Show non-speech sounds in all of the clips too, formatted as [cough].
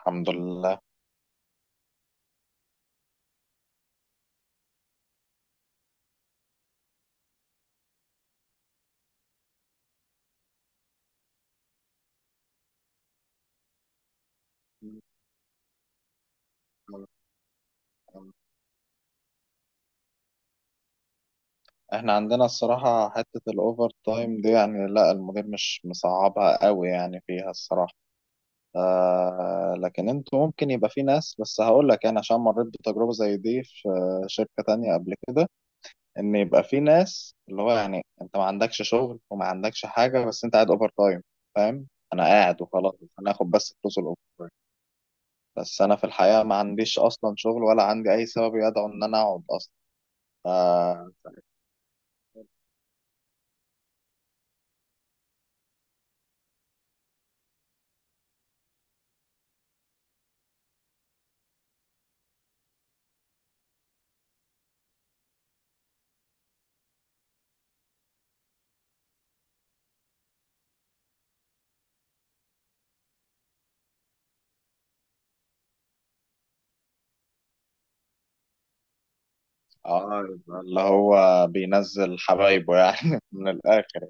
الحمد لله. احنا عندنا الصراحة حتة الأوفر تايم دي يعني لا، المدير مش مصعبها قوي يعني فيها الصراحة. آه لكن انتوا ممكن يبقى في ناس، بس هقول لك انا عشان مريت بتجربة زي دي في شركة تانية قبل كده، ان يبقى في ناس اللي هو يعني انت ما عندكش شغل وما عندكش حاجة بس انت قاعد اوفر تايم، فاهم؟ انا قاعد وخلاص، انا اخد بس فلوس الاوفر تايم، بس انا في الحقيقة ما عنديش اصلا شغل ولا عندي اي سبب يدعو ان انا اقعد اصلا. آه، اه يبقى اللي هو بينزل حبايبه يعني [laughs] من الاخر.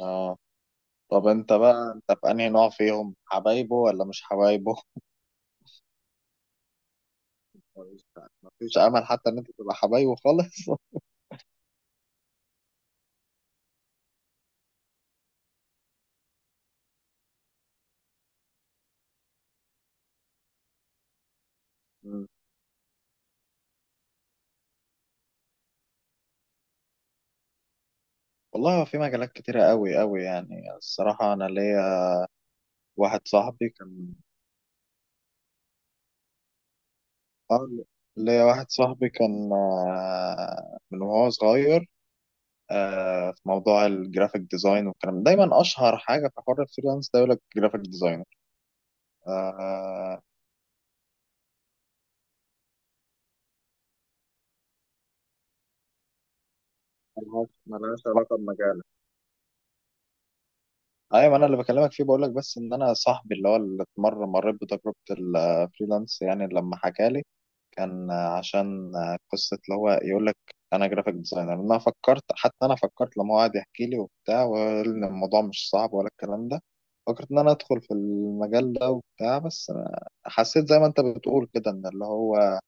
اه طب انت بقى، انت في انهي نوع فيهم؟ حبايبه ولا مش حبايبه؟ مفيش مفيش امل حتى ان انت تبقى حبايبه خالص؟ [laughs] مم. والله هو في مجالات كتيرة قوي يعني الصراحة. انا ليا واحد صاحبي كان اه ليا واحد صاحبي كان آه، من وهو صغير آه، في موضوع الجرافيك ديزاين والكلام ده. دايما اشهر حاجة في حوار الفريلانس ده يقول لك جرافيك ديزاينر. ملهاش علاقة بمجالك. ايوه ما انا اللي بكلمك فيه، بقول لك بس ان انا صاحبي اللي هو اللي مره مريت بتجربه الفريلانس، يعني لما حكى لي كان عشان قصه اللي هو يقول لك انا جرافيك ديزاينر. انا فكرت لما هو قعد يحكي لي وبتاع، وقال ان الموضوع مش صعب ولا الكلام ده، فكرت ان انا ادخل في المجال ده وبتاع، بس أنا حسيت زي ما انت بتقول كده ان اللي هو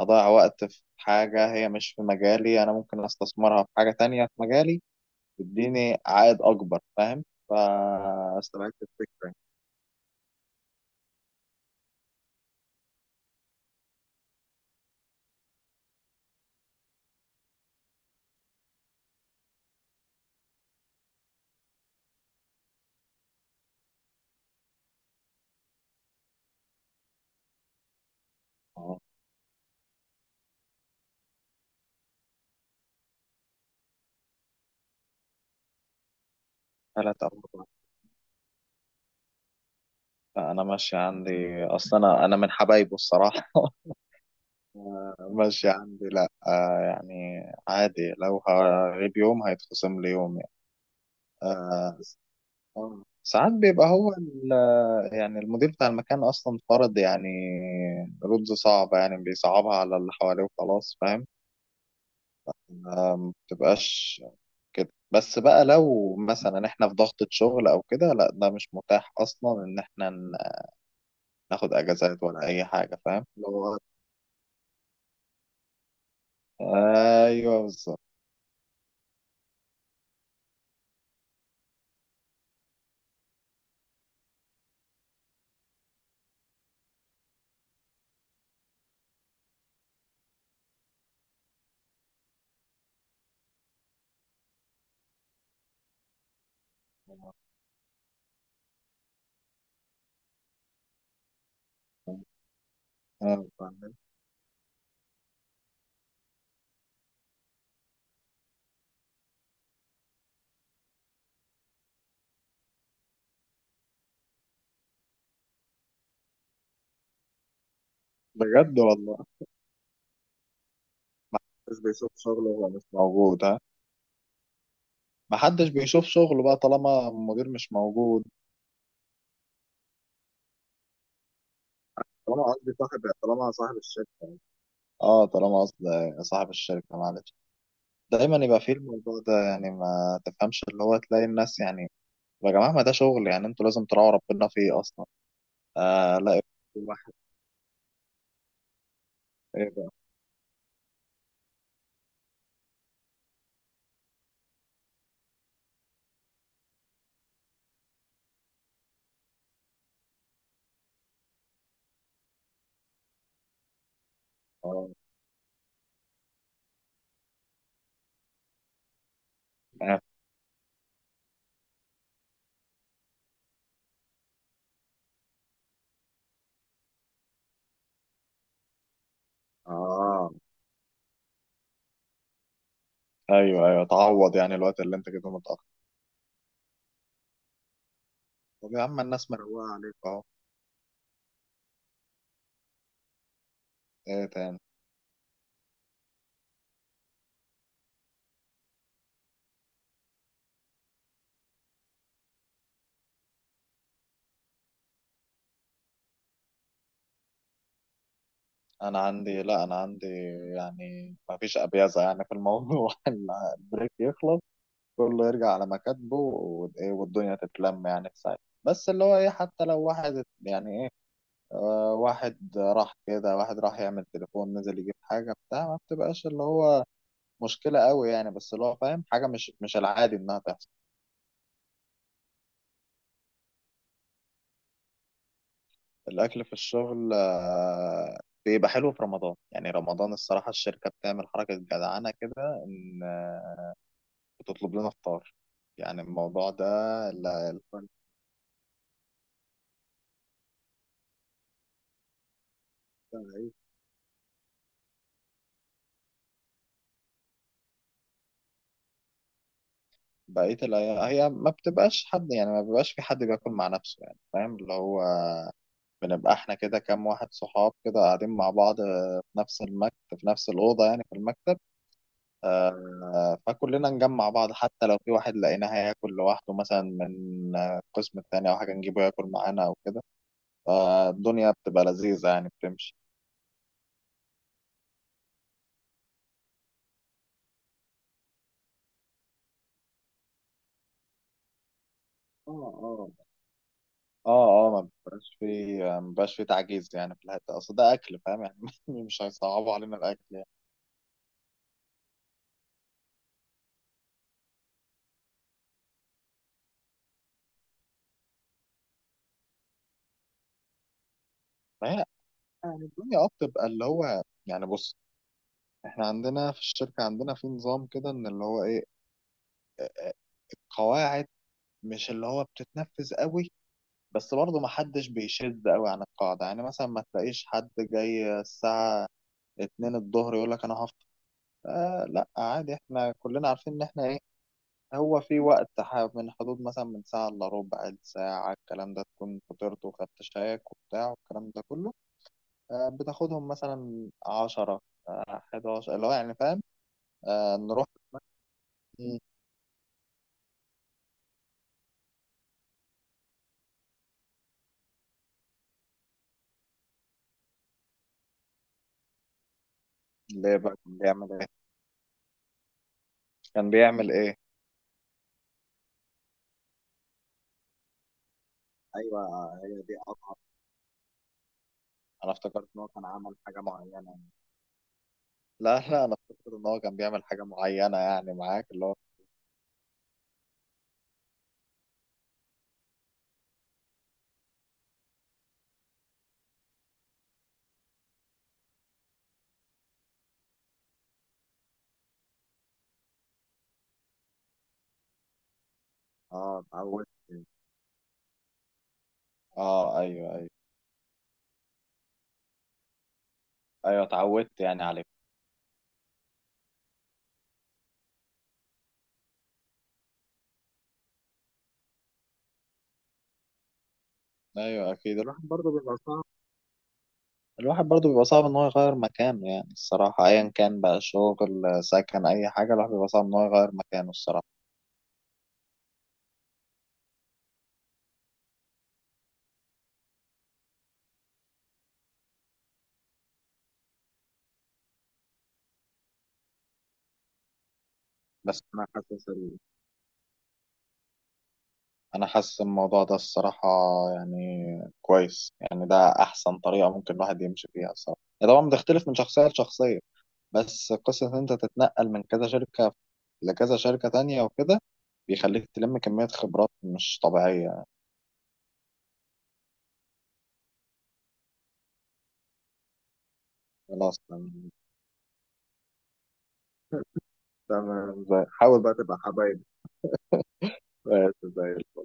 اضيع وقت في حاجه هي مش في مجالي، انا ممكن استثمرها في حاجه تانية في مجالي تديني عائد اكبر، فاهم؟ فاستبعدت الفكره يعني. اه، ثلاث او اربع. فانا ماشي عندي اصلا، انا من حبايبه الصراحه [laughs] ماشي عندي، لا آه يعني عادي، لو هغيب يوم هيتخصم لي يوم يعني. آه. آه. ساعات بيبقى هو ال- يعني المدير بتاع المكان اصلا فرض يعني رولز صعبة، يعني بيصعبها على اللي حواليه وخلاص، فاهم؟ آه، ما بتبقاش كده، بس بقى لو مثلا احنا في ضغطة شغل او كده، لا ده مش متاح اصلا ان احنا ن- ناخد اجازات ولا اي حاجة، فاهم اللي هو. ايوه بالظبط. أيوة فاهم. بجد والله. محدش بيشوف شغله وهو مش موجود ها؟ محدش بيشوف شغله بقى طالما المدير مش موجود. طالما قصدي صاحب، طالما صاحب الشركة، اه طالما قصدي صاحب الشركة، معلش، دايما يبقى فيه الموضوع ده يعني، ما تفهمش اللي هو تلاقي الناس يعني يا جماعة ما ده شغل يعني، انتوا لازم تراعوا ربنا فيه اصلا. آه لا. واحد. ايه بقى؟ اه. اه. آه. ايوه ايوه، تعوض يعني الوقت اللي انت كده متأخر. طب يا عم الناس مروقة عليك اهو. ايه تاني؟ انا عندي لا، انا عندي يعني ما فيش ابيازة يعني في الموضوع [laughs] البريك يخلص كله يرجع على مكاتبه، وايه، والدنيا تتلم يعني في ساعتها. بس اللي هو ايه، حتى لو واحد يعني ايه، آه واحد راح كده، واحد راح يعمل تليفون، نزل يجيب حاجة بتاع، ما بتبقاش اللي هو مشكلة قوي يعني، بس اللي هو فاهم حاجة مش العادي إنها تحصل. الأكل في الشغل آه، بيبقى حلو في رمضان. يعني رمضان الصراحة الشركة بتعمل حركة جدعانة كده، إن آه، بتطلب لنا فطار يعني، الموضوع ده. لا، الفرق بتاعي. بقية الأيام هي ما بتبقاش حد يعني، ما بيبقاش في حد بياكل مع نفسه يعني، فاهم اللي هو. بنبقى احنا كده كام واحد صحاب كده قاعدين مع بعض آه، في نفس المكتب، في نفس الأوضة يعني في المكتب. آه، فكلنا نجمع بعض، حتى لو في واحد لقيناه هياكل لوحده مثلا من آه، القسم التاني أو حاجة، نجيبه ياكل معانا أو كده. فالدنيا بتبقى لذيذة يعني، بتمشي. اه اه. اه اه ما بيبقاش في تعجيز يعني في الحتة، أصل ده أكل، فاهم يعني؟ [laughs] مش هيصعبوا علينا الأكل يعني. فهي يعني الدنيا اه بتبقى اللي هو يعني، بص، احنا عندنا في الشركة، عندنا في نظام كده إن اللي هو إيه، القواعد مش اللي هو بتتنفذ قوي، بس برضه محدش بيشد قوي عن القاعدة، يعني مثلا ما تلاقيش حد جاي الساعة اتنين الظهر يقول لك أنا هفطر. آه لا، عادي احنا كلنا عارفين إن احنا إيه، هو في وقت ح- من حدود مثلا من ساعة إلا ربع، الساعة الكلام ده تكون فطرت وخدت شايك وبتاع والكلام ده كله. آه بتاخدهم مثلا عشرة، آه، حداشر اللي هو يعني، فاهم؟ آه نروح. مم. ليه بقى؟ كان بيعمل إيه؟ كان بيعمل إيه؟ ايوه هي دي اصعب. انا افتكرت ان هو كان عمل حاجه معينه. لا لا، انا فاكر ان هو كان بيعمل حاجه معينه يعني معاك اللي هو. اه اتعودت. اه ايوه ايوه. ايوه اتعودت يعني عليه. ايوه اكيد الواحد برضه بيبقى صعب، الواحد برضو بيبقى صعب ان هو يغير مكانه، يعني الصراحه ايا كان بقى شغل، سكن، اي حاجه الواحد بيبقى صعب ان هو يغير مكانه الصراحه. بس انا حاسس ال- انا حاسس الموضوع ده الصراحه يعني كويس، يعني ده احسن طريقه ممكن الواحد يمشي فيها الصراحه، هي طبعا بتختلف من شخصيه لشخصيه، بس قصة إن أنت تتنقل من كذا شركة لكذا شركة تانية وكده بيخليك تلم كمية خبرات مش طبيعية. خلاص تمام، حاول بقى تبقى حبايب. آه، زي